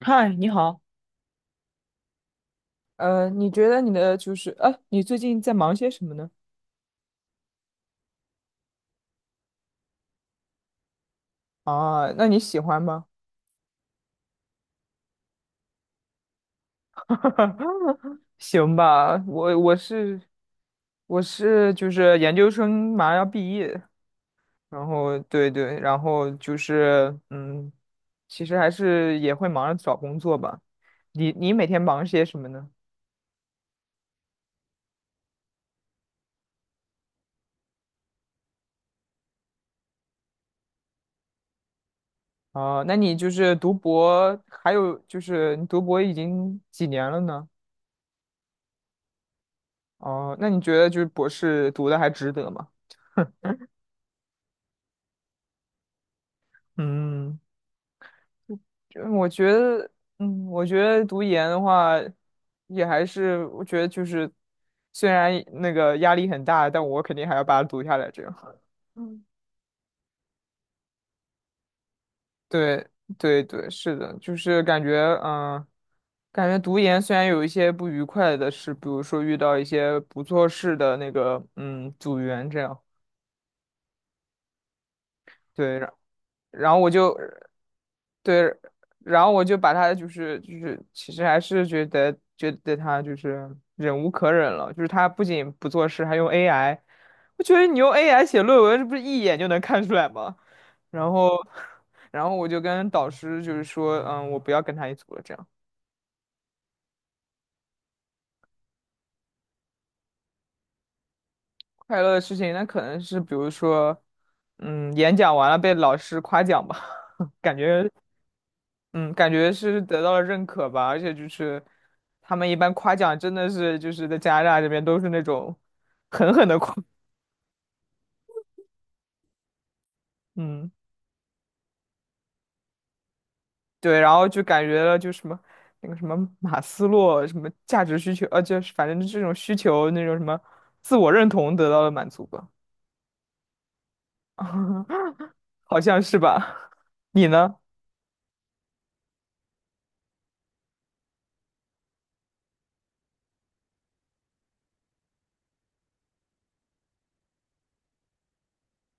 嗨，你好。你觉得你的就是，你最近在忙些什么呢？啊，那你喜欢吗？行吧，我是就是研究生马上要毕业，然后对对，然后就是其实还是也会忙着找工作吧。你每天忙些什么呢？啊，那你就是读博，还有就是你读博已经几年了呢？哦，那你觉得就是博士读的还值得吗？嗯就我觉得，我觉得读研的话，也还是我觉得就是，虽然那个压力很大，但我肯定还要把它读下来。这样，嗯，对对对，是的，就是感觉，嗯，感觉读研虽然有一些不愉快的事，比如说遇到一些不做事的那个，组员这样，对，然后我就。对，然后我就把他就是，其实还是觉得他就是忍无可忍了，就是他不仅不做事，还用 AI。我觉得你用 AI 写论文，这不是一眼就能看出来吗？然后，然后我就跟导师就是说，我不要跟他一组了。这样快乐的事情，那可能是比如说，演讲完了被老师夸奖吧，感觉嗯，感觉是得到了认可吧，而且就是他们一般夸奖真的是就是在加拿大这边都是那种狠狠的夸，嗯，对，然后就感觉了就什么那个什么马斯洛什么价值需求，就是反正这种需求那种什么自我认同得到了满足吧，好像是吧？你呢？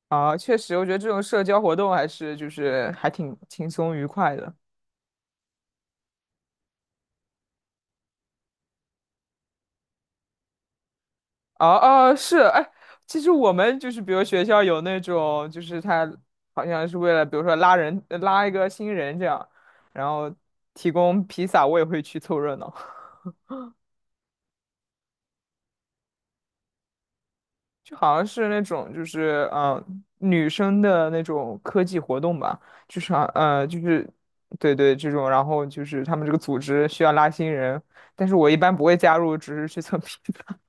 啊，确实，我觉得这种社交活动还是就是还挺轻松愉快的。哦哦，是，哎，其实我们就是，比如学校有那种，就是他好像是为了，比如说拉人，拉一个新人这样，然后提供披萨，我也会去凑热闹，就好像是那种，就是女生的那种科技活动吧，就是好就是对对这种，然后就是他们这个组织需要拉新人，但是我一般不会加入，只是去蹭披萨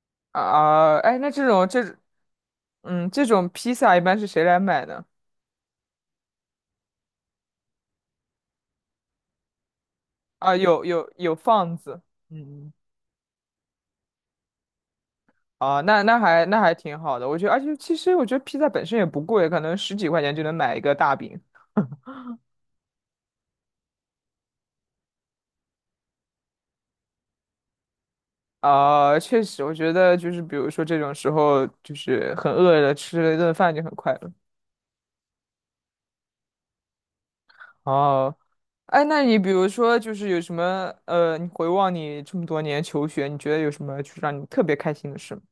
啊、哎，那这种披萨一般是谁来买呢？啊，有有有放子嗯，啊，那还挺好的，我觉得，而且其实我觉得披萨本身也不贵，可能十几块钱就能买一个大饼啊，确实，我觉得就是比如说这种时候，就是很饿了，吃了一顿饭就很快乐。哦，哎，那你比如说就是有什么你回望你这么多年求学，你觉得有什么就是让你特别开心的事吗？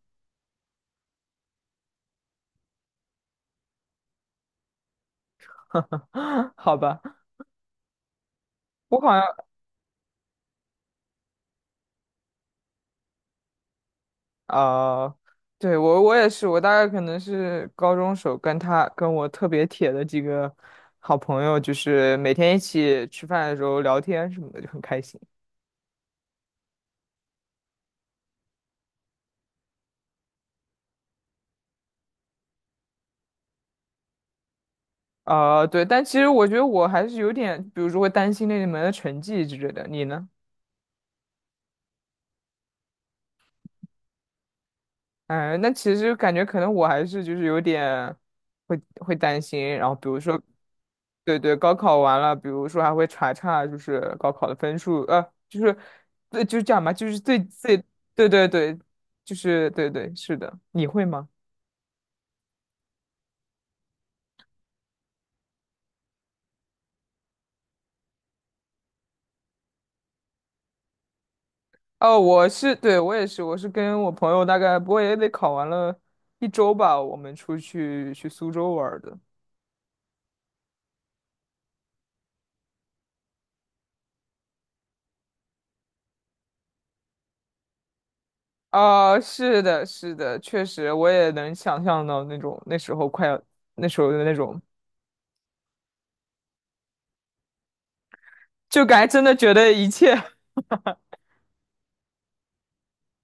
好吧，我好像啊、对，我也是，我大概可能是高中时候跟我特别铁的几个好朋友，就是每天一起吃饭的时候聊天什么的，就很开心。啊、对，但其实我觉得我还是有点，比如说会担心那你们的成绩之类的。你呢？哎，那其实感觉可能我还是就是有点会担心，然后比如说，对对，高考完了，比如说还会查查就是高考的分数，就是对，就是这样吧，就是最对对对，就是对对是的，你会吗？哦，对，我也是，我是跟我朋友大概不过也得考完了一周吧，我们出去去苏州玩儿的。啊、是的，是的，确实，我也能想象到那种那时候快要那时候的那种就感觉真的觉得一切，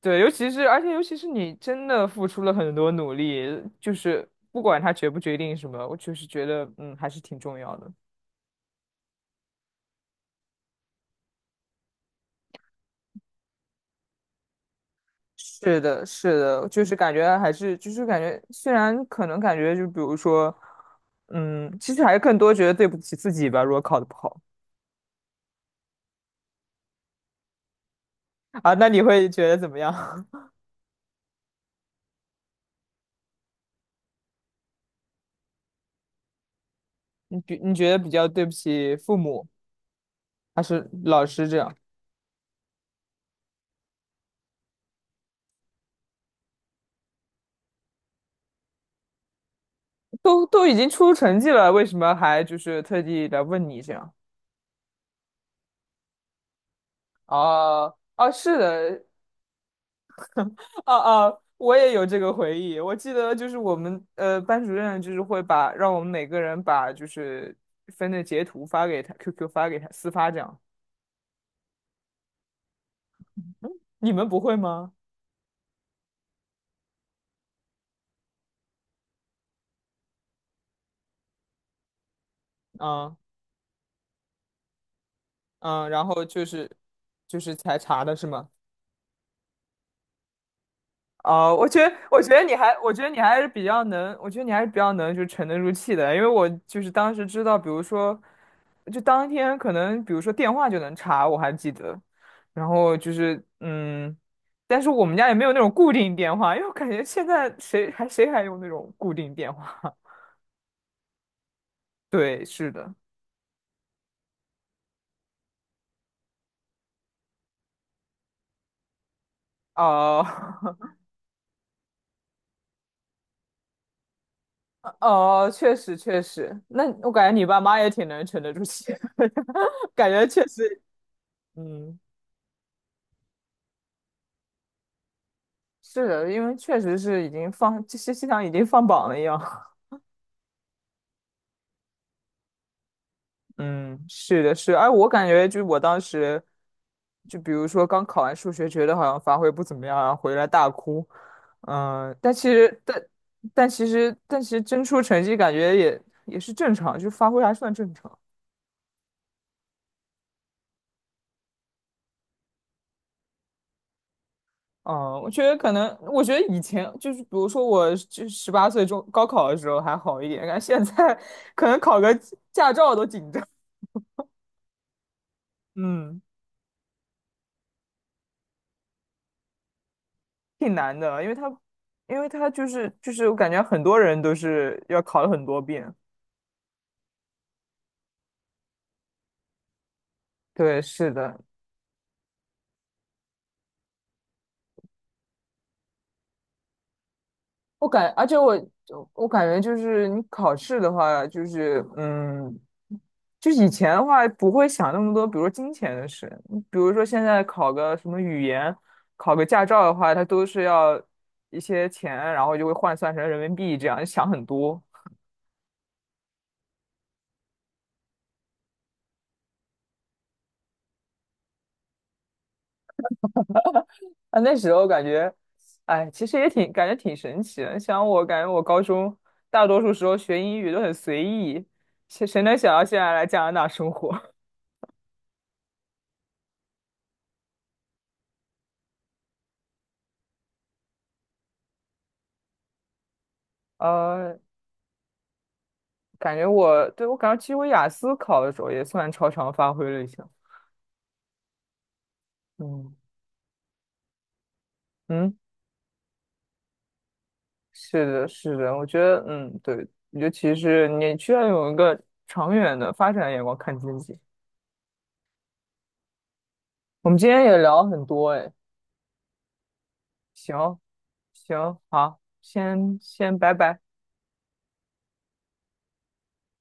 对，尤其是而且尤其是你真的付出了很多努力，就是不管他决不决定什么，我就是觉得还是挺重要的。是的，是的，就是感觉还是就是感觉，虽然可能感觉就比如说，其实还是更多觉得对不起自己吧。如果考的不好啊，那你会觉得怎么样？你觉得比较对不起父母还是老师这样？都已经出成绩了，为什么还就是特地来问你这样？哦哦，是的，哦哦，我也有这个回忆。我记得就是我们班主任就是会把让我们每个人把就是分的截图发给他，QQ 发给他，私发这样。你们不会吗？嗯嗯，然后就是才查的是吗？哦，我觉得你还是比较能，我觉得你还是比较能，就沉得住气的。因为我就是当时知道，比如说，就当天可能，比如说电话就能查，我还记得。然后就是，但是我们家也没有那种固定电话，因为我感觉现在谁还用那种固定电话？对，是的。哦，哦，确实确实，那我感觉你爸妈也挺能沉得住气的，感觉确实，嗯。是的，因为确实是已经放，这些像已经放榜了一样。嗯，是的，是的。哎，我感觉就我当时，就比如说刚考完数学，觉得好像发挥不怎么样啊，然后回来大哭。嗯，但其实，但但其实真出成绩，感觉也是正常，就发挥还算正常。嗯，我觉得以前就是，比如说我就18岁中高考的时候还好一点，但现在 可能考个驾照都紧张。嗯。挺难的，因为他，因为他就是我感觉很多人都是要考了很多遍。对，是的，而且我感觉就是你考试的话，就是就是以前的话不会想那么多，比如说金钱的事，比如说现在考个什么语言，考个驾照的话，它都是要一些钱，然后就会换算成人民币，这样想很多。啊，那时候感觉，哎，其实也挺感觉挺神奇的。像我感觉我高中大多数时候学英语都很随意，谁能想到现在来加拿大生活？呃，感觉我对我感觉其实我雅思考的时候也算超常发挥了一下。嗯嗯，是的，是的，我觉得嗯，对，我觉得其实你需要有一个长远的发展眼光看自己。我们今天也聊了很多，哎，行行，好，先拜拜。